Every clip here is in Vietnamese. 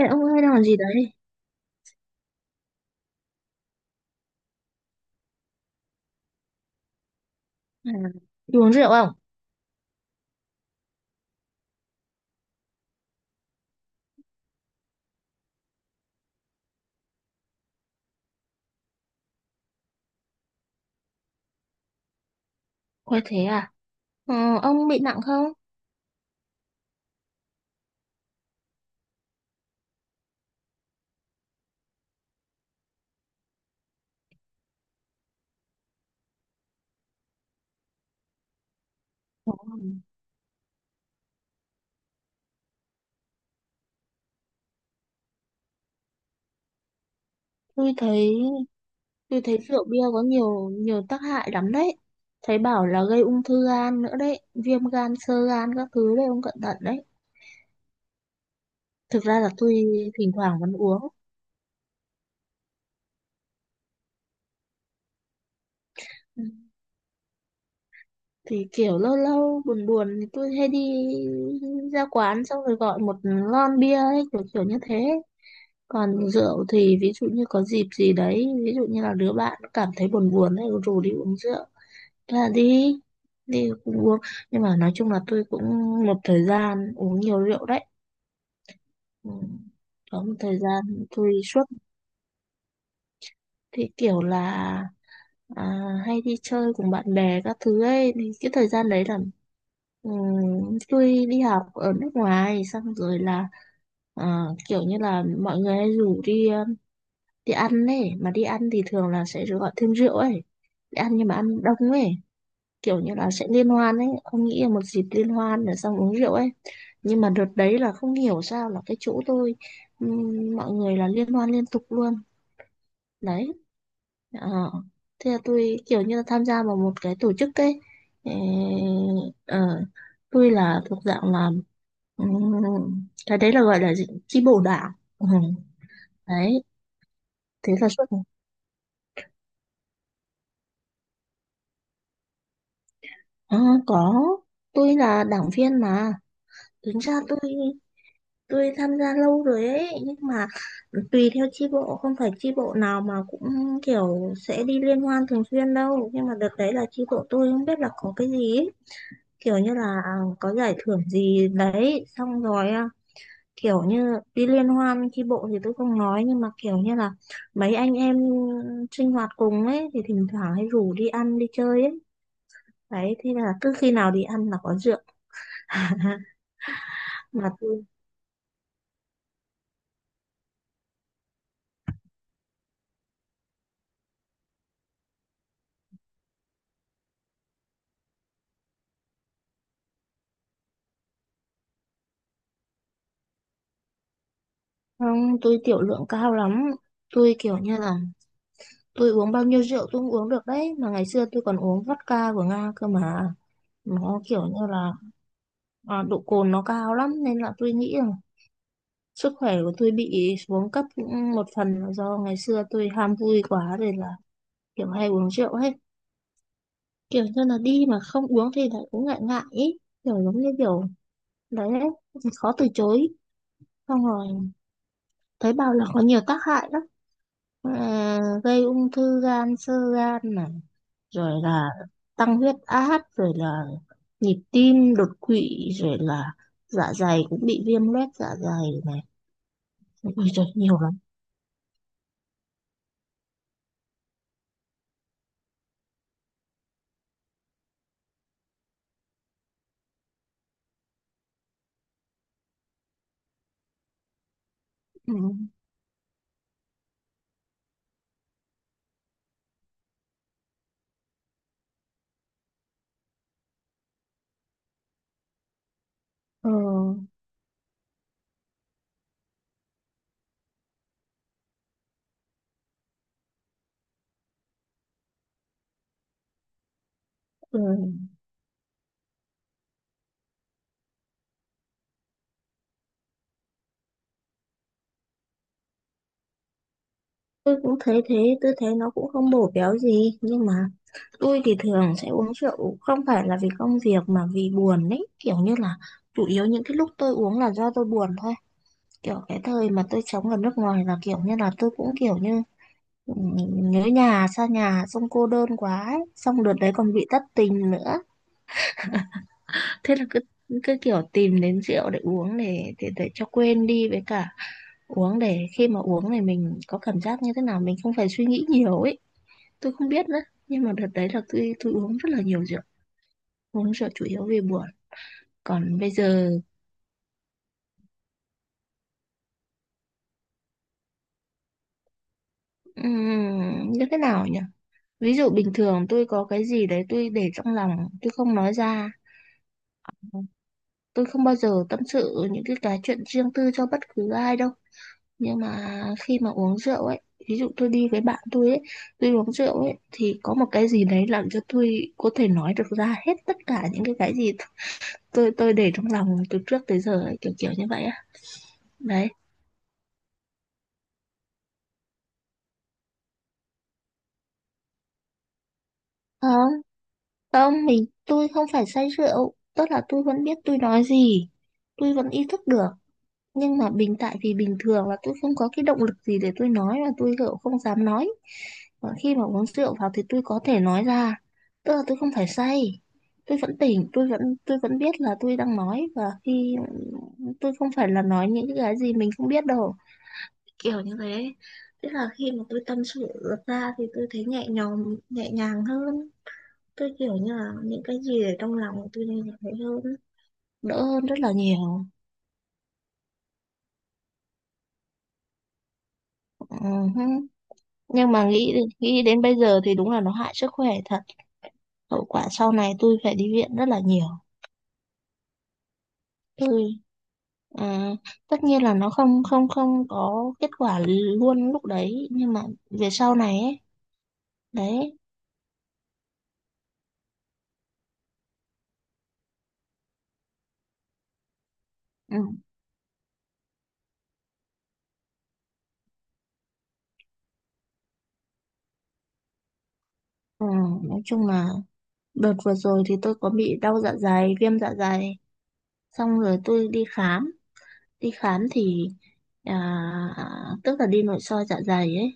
Ê, ông ơi đang làm gì đấy? À, đi uống rượu không? Ôi thế à? Ờ, ông bị nặng không? Ờ, tôi thấy rượu bia có nhiều nhiều tác hại lắm đấy. Thấy bảo là gây ung thư gan nữa đấy, viêm gan, xơ gan các thứ đấy, ông cẩn thận đấy. Thực ra là tôi thỉnh thoảng vẫn uống. Ừ, thì kiểu lâu lâu buồn buồn thì tôi hay đi ra quán xong rồi gọi một lon bia ấy, kiểu kiểu như thế. Còn rượu thì ví dụ như có dịp gì đấy, ví dụ như là đứa bạn nó cảm thấy buồn buồn đấy rủ đi uống rượu, thế là đi, cũng uống, nhưng mà nói chung là tôi cũng một thời gian uống nhiều rượu đấy. Ừ. Có một thời gian tôi suốt, thì kiểu là, à, hay đi chơi cùng bạn bè các thứ ấy, thì cái thời gian đấy là, ừ, tôi đi học ở nước ngoài, xong rồi là, à, kiểu như là mọi người hay rủ đi đi ăn ấy mà. Đi ăn thì thường là sẽ gọi thêm rượu ấy, đi ăn nhưng mà ăn đông ấy, kiểu như là sẽ liên hoan ấy, ông nghĩ là một dịp liên hoan rồi xong uống rượu ấy. Nhưng mà đợt đấy là không hiểu sao là cái chỗ tôi, mọi người là liên hoan liên tục luôn. Đấy. Ờ. Thế là tôi kiểu như là tham gia vào một cái tổ chức ấy. Ờ, ờ, tôi là thuộc dạng là, ừm, cái đấy là gọi là gì? Chi bộ đảng. Ừ, đấy, thế là suốt. Ờ, có. Tôi là đảng viên mà. Tính ra tôi, tham gia lâu rồi ấy, nhưng mà tùy theo chi bộ, không phải chi bộ nào mà cũng kiểu sẽ đi liên hoan thường xuyên đâu. Nhưng mà đợt đấy là chi bộ tôi không biết là có cái gì ấy. Kiểu như là, có giải thưởng gì đấy xong rồi, kiểu như đi liên hoan chi bộ thì tôi không nói, nhưng mà kiểu như là mấy anh em sinh hoạt cùng ấy thì thỉnh thoảng hay rủ đi ăn đi chơi ấy. Đấy, thế là cứ khi nào đi ăn là có rượu, mà tôi... Không, tôi tiểu lượng cao lắm. Tôi kiểu như là, tôi uống bao nhiêu rượu tôi cũng uống được đấy. Mà ngày xưa tôi còn uống vodka của Nga cơ mà. Nó kiểu như là, độ cồn nó cao lắm. Nên là tôi nghĩ là sức khỏe của tôi bị xuống cấp cũng một phần là do ngày xưa tôi ham vui quá, rồi là kiểu hay uống rượu hết. Kiểu như là đi mà không uống thì lại cũng ngại ngại ý. Kiểu giống như kiểu, đấy, đấy, khó từ chối. Xong rồi thấy bảo là có nhiều tác hại lắm. Ờ, gây ung thư gan, xơ gan này, rồi là tăng huyết áp, rồi là nhịp tim đột quỵ, rồi là dạ dày cũng bị viêm loét dạ dày này. Ôi trời nhiều lắm. Ừ. Ờ, ừ. Tôi cũng thấy thế, tôi thấy nó cũng không bổ béo gì, nhưng mà tôi thì thường sẽ uống rượu không phải là vì công việc mà vì buồn ấy. Kiểu như là chủ yếu những cái lúc tôi uống là do tôi buồn thôi. Kiểu cái thời mà tôi sống ở nước ngoài là, kiểu như là tôi cũng kiểu như, ừ, nhớ nhà, xa nhà, xong cô đơn quá ấy. Xong đợt đấy còn bị thất tình nữa, thế là cứ cứ kiểu tìm đến rượu để uống, để cho quên đi. Với cả uống để khi mà uống thì mình có cảm giác như thế nào, mình không phải suy nghĩ nhiều ấy. Tôi không biết nữa, nhưng mà đợt đấy là tôi, uống rất là nhiều rượu. Uống rượu chủ yếu vì buồn. Còn bây giờ, như thế nào nhỉ? Ví dụ bình thường tôi có cái gì đấy tôi để trong lòng, tôi không nói ra. Tôi không bao giờ tâm sự những cái chuyện riêng tư cho bất cứ ai đâu. Nhưng mà khi mà uống rượu ấy, ví dụ tôi đi với bạn tôi ấy, tôi uống rượu ấy, thì có một cái gì đấy làm cho tôi có thể nói được ra hết tất cả những cái gì tôi, để trong lòng từ trước tới giờ ấy, kiểu kiểu như vậy á. Đấy. Ờ, không, tôi không phải say rượu, tức là tôi vẫn biết tôi nói gì. Tôi vẫn ý thức được. Nhưng mà tại vì bình thường là tôi không có cái động lực gì để tôi nói, và tôi kiểu không dám nói. Và khi mà uống rượu vào thì tôi có thể nói ra, tức là tôi không phải say. Tôi vẫn tỉnh, tôi vẫn biết là tôi đang nói, và khi tôi không phải là nói những cái gì mình không biết đâu, kiểu như thế. Tức là khi mà tôi tâm sự ra thì tôi thấy nhẹ nhõm, nhẹ nhàng hơn. Tôi kiểu như là những cái gì ở trong lòng tôi đều thấy hơn, đỡ hơn rất là nhiều. Ừ. Nhưng mà nghĩ, đến bây giờ thì đúng là nó hại sức khỏe thật. Hậu quả sau này tôi phải đi viện rất là nhiều. Tôi, à, tất nhiên là nó không không không có kết quả luôn lúc đấy, nhưng mà về sau này ấy. Đấy. Ừ, ừ, nói chung là đợt vừa rồi thì tôi có bị đau dạ dày, viêm dạ dày, xong rồi tôi đi khám thì, à, tức là đi nội soi dạ dày ấy,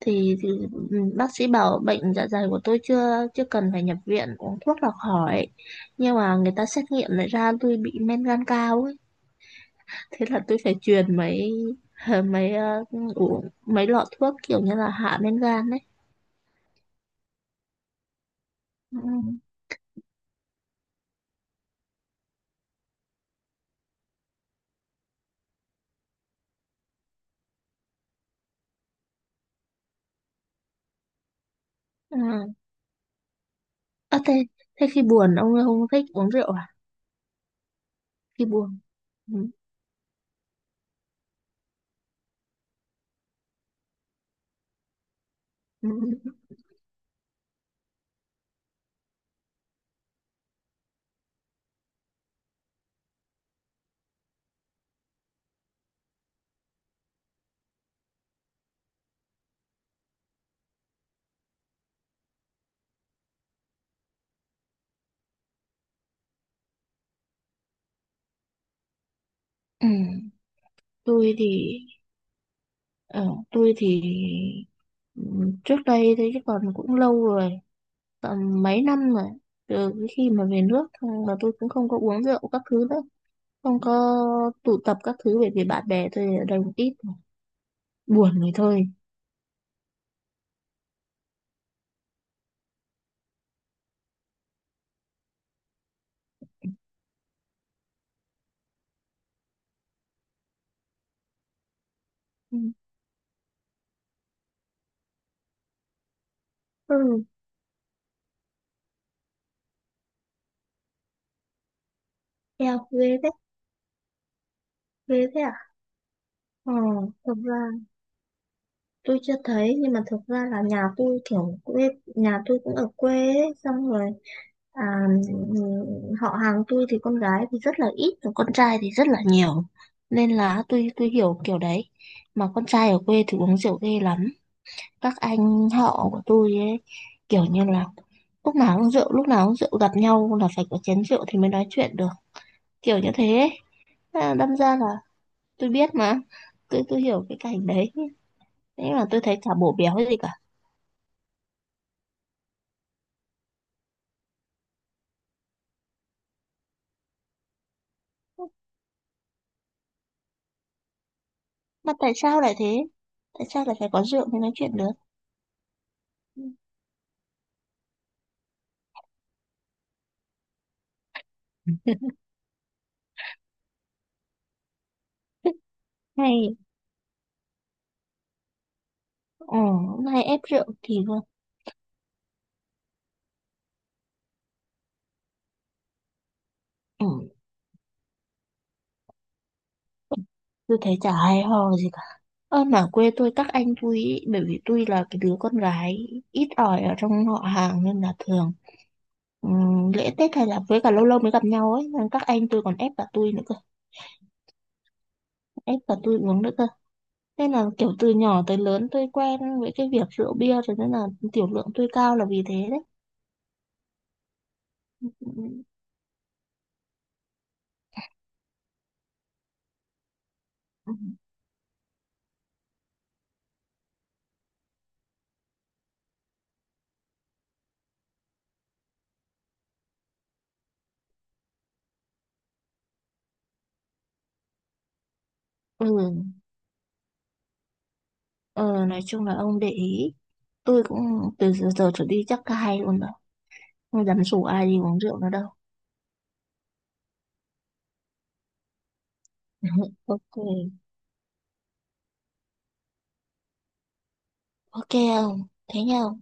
thì, bác sĩ bảo bệnh dạ dày của tôi chưa chưa cần phải nhập viện, uống thuốc là khỏi. Nhưng mà người ta xét nghiệm lại ra tôi bị men gan cao ấy, thế là tôi phải truyền mấy mấy uống mấy lọ thuốc kiểu như là hạ men gan đấy. Ừ. à, à thế, Thế khi buồn ông không thích uống rượu à? Khi buồn. Ừ. Ừ. Ừ. tôi thì ờ, tôi thì ừ, trước đây thế, chứ còn cũng lâu rồi, tầm mấy năm rồi, từ cái khi mà về nước thôi, và tôi cũng không có uống rượu các thứ nữa, không có tụ tập các thứ, bởi vì bạn bè tôi ở đây một ít rồi. Buồn rồi thôi. Ừ. Ừ, em ghê thế à? Ờ, thực ra tôi chưa thấy, nhưng mà thực ra là nhà tôi kiểu quê, nhà tôi cũng ở quê ấy, xong rồi, à, ừ, họ hàng tôi thì con gái thì rất là ít, còn con trai thì rất là nhiều. Nên là tôi, hiểu kiểu đấy. Mà con trai ở quê thì uống rượu ghê lắm. Các anh họ của tôi ấy, kiểu như là lúc nào cũng rượu lúc nào cũng rượu, gặp nhau là phải có chén rượu thì mới nói chuyện được, kiểu như thế ấy. À, đâm ra là tôi biết mà, tôi, hiểu cái cảnh đấy. Thế mà tôi thấy chả bổ béo gì cả. Mà tại sao lại thế? Tại sao lại phải có rượu mới nói chuyện được? Hay, ừ, hay ép rượu thì vâng. Ừ, tôi thấy chả hay ho gì cả. Ơ mà quê tôi các anh tôi ý, bởi vì tôi là cái đứa con gái ít ỏi ở trong họ hàng, nên là thường, lễ Tết hay là với cả lâu lâu mới gặp nhau ấy, nên các anh tôi còn ép cả tôi nữa cơ, ép cả tôi uống nữa cơ. Nên là kiểu từ nhỏ tới lớn tôi quen với cái việc rượu bia rồi, nên là tiểu lượng tôi cao là vì thế đấy. Ừ. ờ, nói chung là ông để ý, tôi cũng từ giờ trở đi chắc cả hai luôn rồi, không dám rủ ai đi uống rượu nữa đâu. Ok. Ok không, thế nhau.